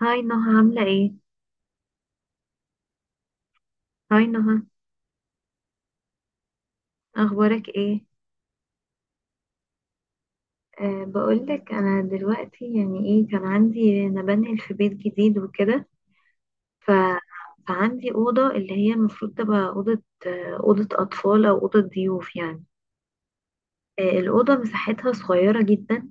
هاي نهى، عاملة ايه؟ هاي نهى، اخبارك ايه؟ بقولك انا دلوقتي، يعني ايه، كان عندي انا بنقل في بيت جديد وكده. ف... فعندي اوضة اللي هي المفروض تبقى اوضة، اوضة اطفال او اوضة ضيوف يعني. الاوضة مساحتها صغيرة جدا،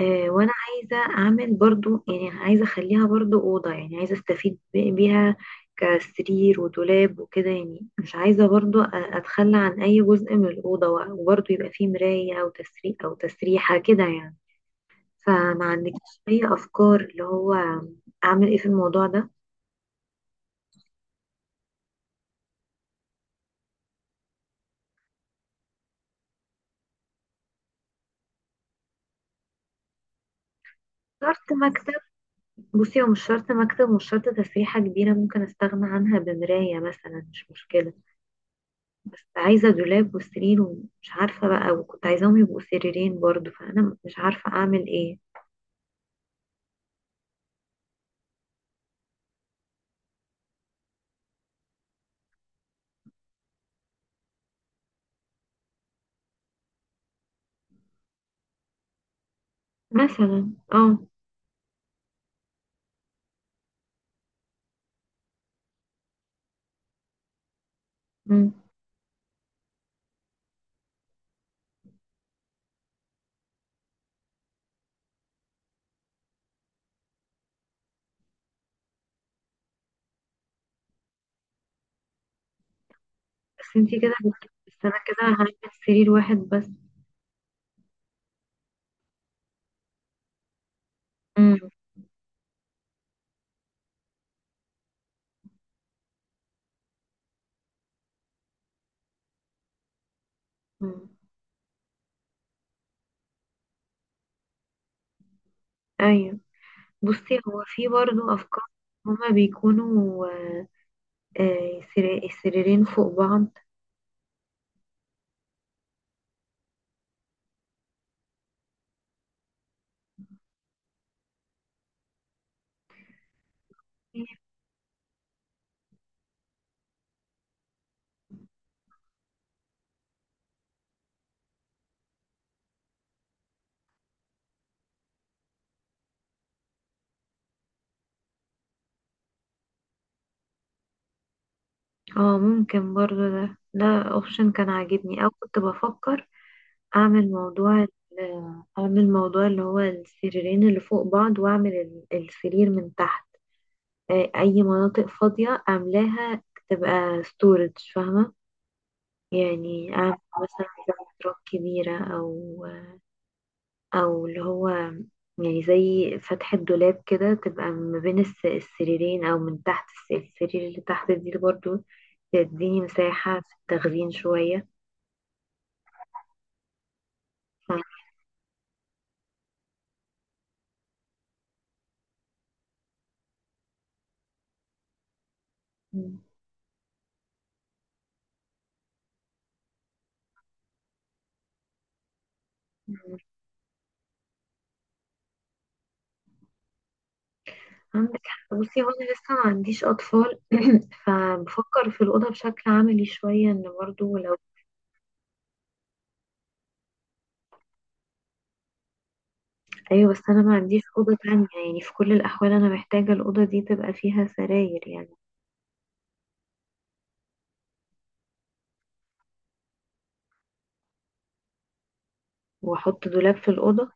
وانا عايزه اعمل برضو، يعني عايزه اخليها برضو اوضه، يعني عايزه استفيد بيها كسرير ودولاب وكده يعني. مش عايزه برضو اتخلى عن اي جزء من الاوضه، وبرضو يبقى فيه مرايه او تسريحه كده يعني. فما عندكش اي افكار اللي هو اعمل ايه في الموضوع ده؟ شرط مكتب. بصي، هو مش شرط مكتب، مش شرط تسريحه كبيره، ممكن استغنى عنها بمرايه مثلا، مش مشكله. بس عايزة دولاب وسرير، ومش عارفة بقى، وكنت عايزاهم يبقوا سريرين برضو، فأنا مش عارفة أعمل إيه. مثلا اه. مم. بس أنا كده هعمل سرير واحد بس. مم. مم. أيوه. بصي، هو في برضو أفكار، هما بيكونوا سريرين فوق بعض. اه، ممكن برضو. ده اوبشن كان عاجبني، او كنت بفكر اعمل موضوع ال- اعمل موضوع اللي هو السريرين اللي فوق بعض، واعمل السرير من تحت. اي مناطق فاضية اعملها تبقى ستورج، فاهمة؟ يعني اعمل مثلا زي تراب كبيرة، او او اللي هو يعني زي فتحة دولاب كده، تبقى ما بين السريرين، او من تحت السرير اللي تحت دي، برضو تديني مساحة في التخزين شوية. ف... عندك حق. بصي، هو انا لسه ما عنديش اطفال، فبفكر في الاوضه بشكل عملي شويه، ان برضو لو. ايوه. بس انا ما عنديش اوضه تانية، يعني في كل الاحوال انا محتاجه الاوضه دي تبقى فيها سراير يعني. واحط دولاب في الاوضه.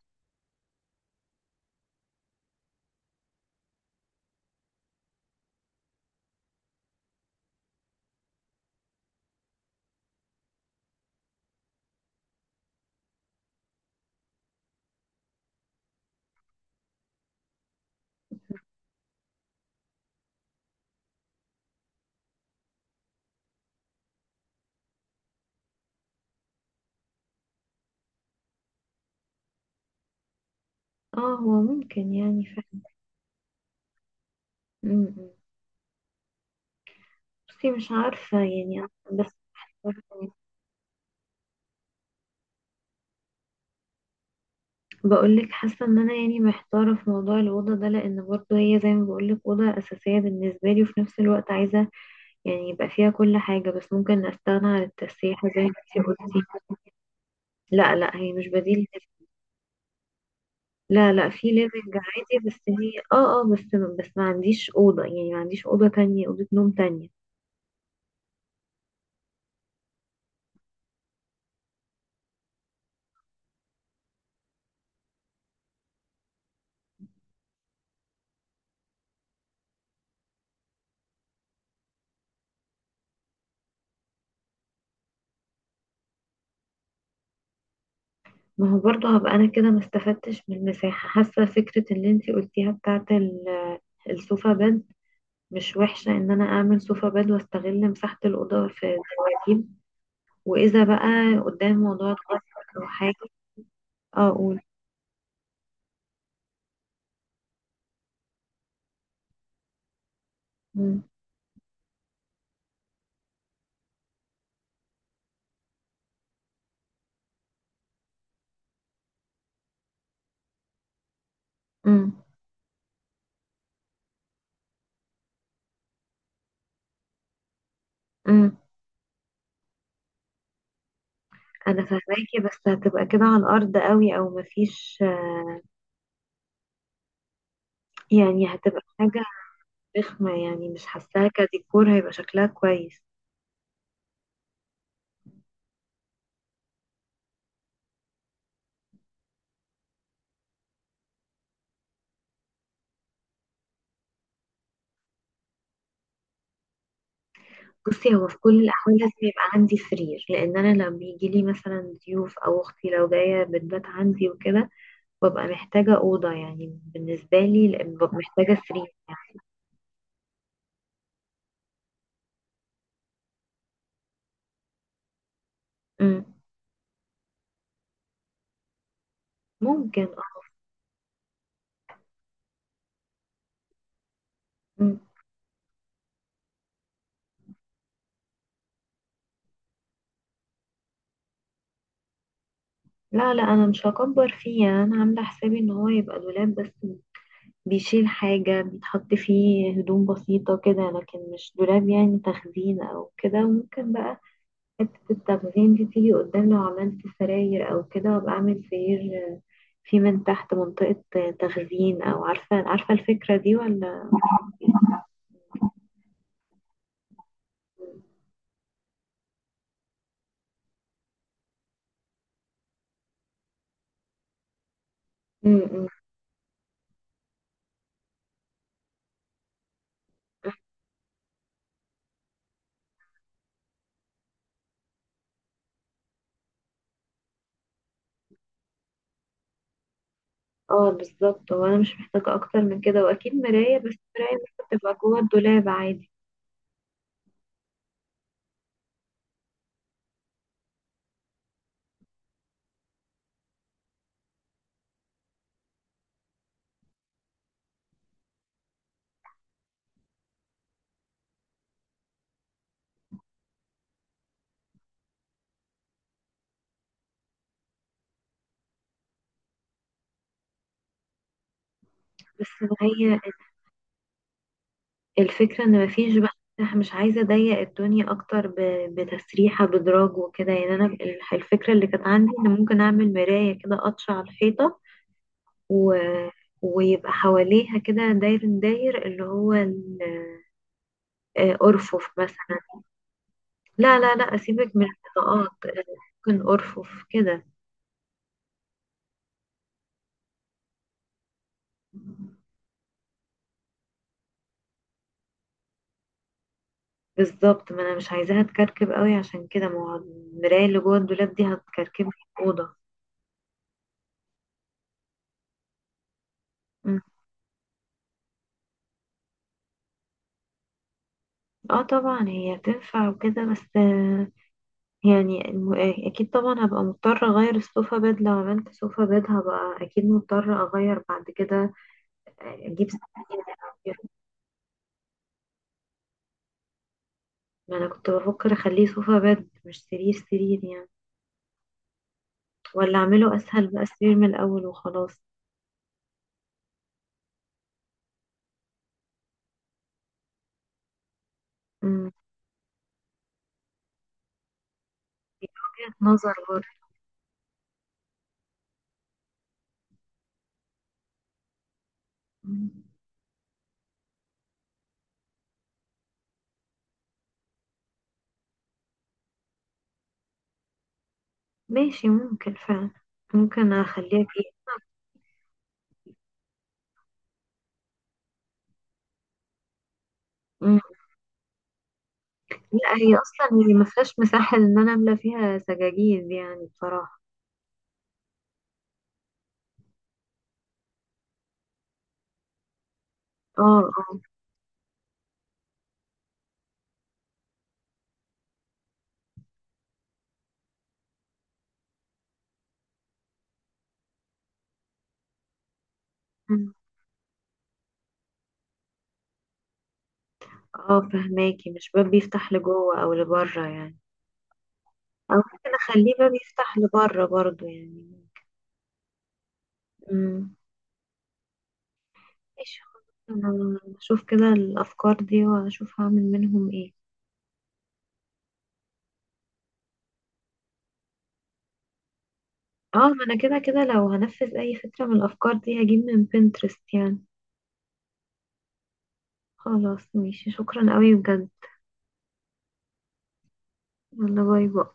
اه، هو ممكن يعني فعلا. م- م. بصي، مش عارفه يعني. بس بقول لك، حاسه ان انا يعني محتاره في موضوع الاوضه ده، لان برضو هي زي ما بقول لك، اوضه اساسيه بالنسبه لي، وفي نفس الوقت عايزه يعني يبقى فيها كل حاجة، بس ممكن استغنى عن التسريحة زي ما انتي قلتي. لا لا، هي مش بديل ليفينج. لا لا، في ليفنج عادي. بس هي بس ما عنديش أوضة، يعني ما عنديش أوضة تانية، أوضة نوم تانية. ما هو برضه هبقى انا كده ما استفدتش من المساحة. حاسة فكرة اللي انتي قلتيها بتاعت السوفا بed مش وحشة، ان انا اعمل سوفا بed واستغل مساحة الأوضة في الدواجيب، واذا بقى قدام موضوع الغرفة او حاجة. اه، اقول. امم. امم. انا فاهماكي، بس هتبقى كده على الارض قوي، او مفيش. يعني هتبقى حاجه رخمه، يعني مش حاساها كديكور هيبقى شكلها كويس. بصي، هو في كل الاحوال لازم يبقى عندي سرير، لان انا لما بيجي لي مثلا ضيوف او اختي لو جايه بتبات عندي وكده، ببقى محتاجه اوضه يعني بالنسبه لي، لأن ببقى محتاجه سرير يعني. مم. ممكن اه. مم. لا لا، انا مش هكبر فيه، يعني انا عامله حسابي ان هو يبقى دولاب بس بيشيل حاجة، بيتحط فيه هدوم بسيطة كده، لكن مش دولاب يعني تخزين أو كده. ممكن بقى حتة التخزين دي تيجي قدام، لو عملت سراير أو كده، وأبقى أعمل سرير في من تحت منطقة تخزين، أو عارفة عارفة الفكرة دي ولا؟ م- م. اه، بالظبط، هو أنا مش محتاجة أكتر من كده، وأكيد مراية، بس مراية ممكن تبقى جوه الدولاب عادي. بس هي الفكرة ان مفيش بقى، انا مش عايزة اضيق الدنيا اكتر بتسريحة بدراج وكده، يعني انا الفكرة اللي كانت عندي ان ممكن اعمل مراية كده قطشة على الحيطة، و... ويبقى حواليها كده داير داير اللي هو ارفف مثلا. لا لا لا، اسيبك من القطاعات. ممكن ارفف كده. بالظبط، ما انا مش عايزاها تكركب قوي عشان كده، ما هو المراية اللي جوه الدولاب دي هتكركب الأوضة. مم. اه طبعا، هي تنفع وكده، بس يعني اكيد طبعا هبقى مضطرة اغير السوفا بيد، لو عملت سوفا بيد هبقى اكيد مضطرة اغير بعد كده، اجيب سرير، أغيره. ما انا كنت بفكر اخليه سوفا بيد مش سرير سرير يعني، ولا اعمله اسهل بقى سرير من الاول وخلاص. امم. دي وجهة نظر برضه. أمم. ماشي، ممكن فعلا، ممكن اخليها كده. أمم. لا، هي اصلا هي ما فيهاش مساحة ان انا املى فيها سجاجيد يعني بصراحة. اه. آه. اه، فهماكي، مش باب بيفتح لجوه او لبره يعني. او ممكن اخليه باب يفتح لبره برضو يعني. امم. ماشي، خلاص، انا اشوف كده الافكار دي واشوف هعمل منهم ايه. اه، ما انا كده كده لو هنفذ اي فكرة من الافكار دي هجيب من بنترست يعني. خلاص، ماشي، شكرا قوي بجد. يلا، باي باي.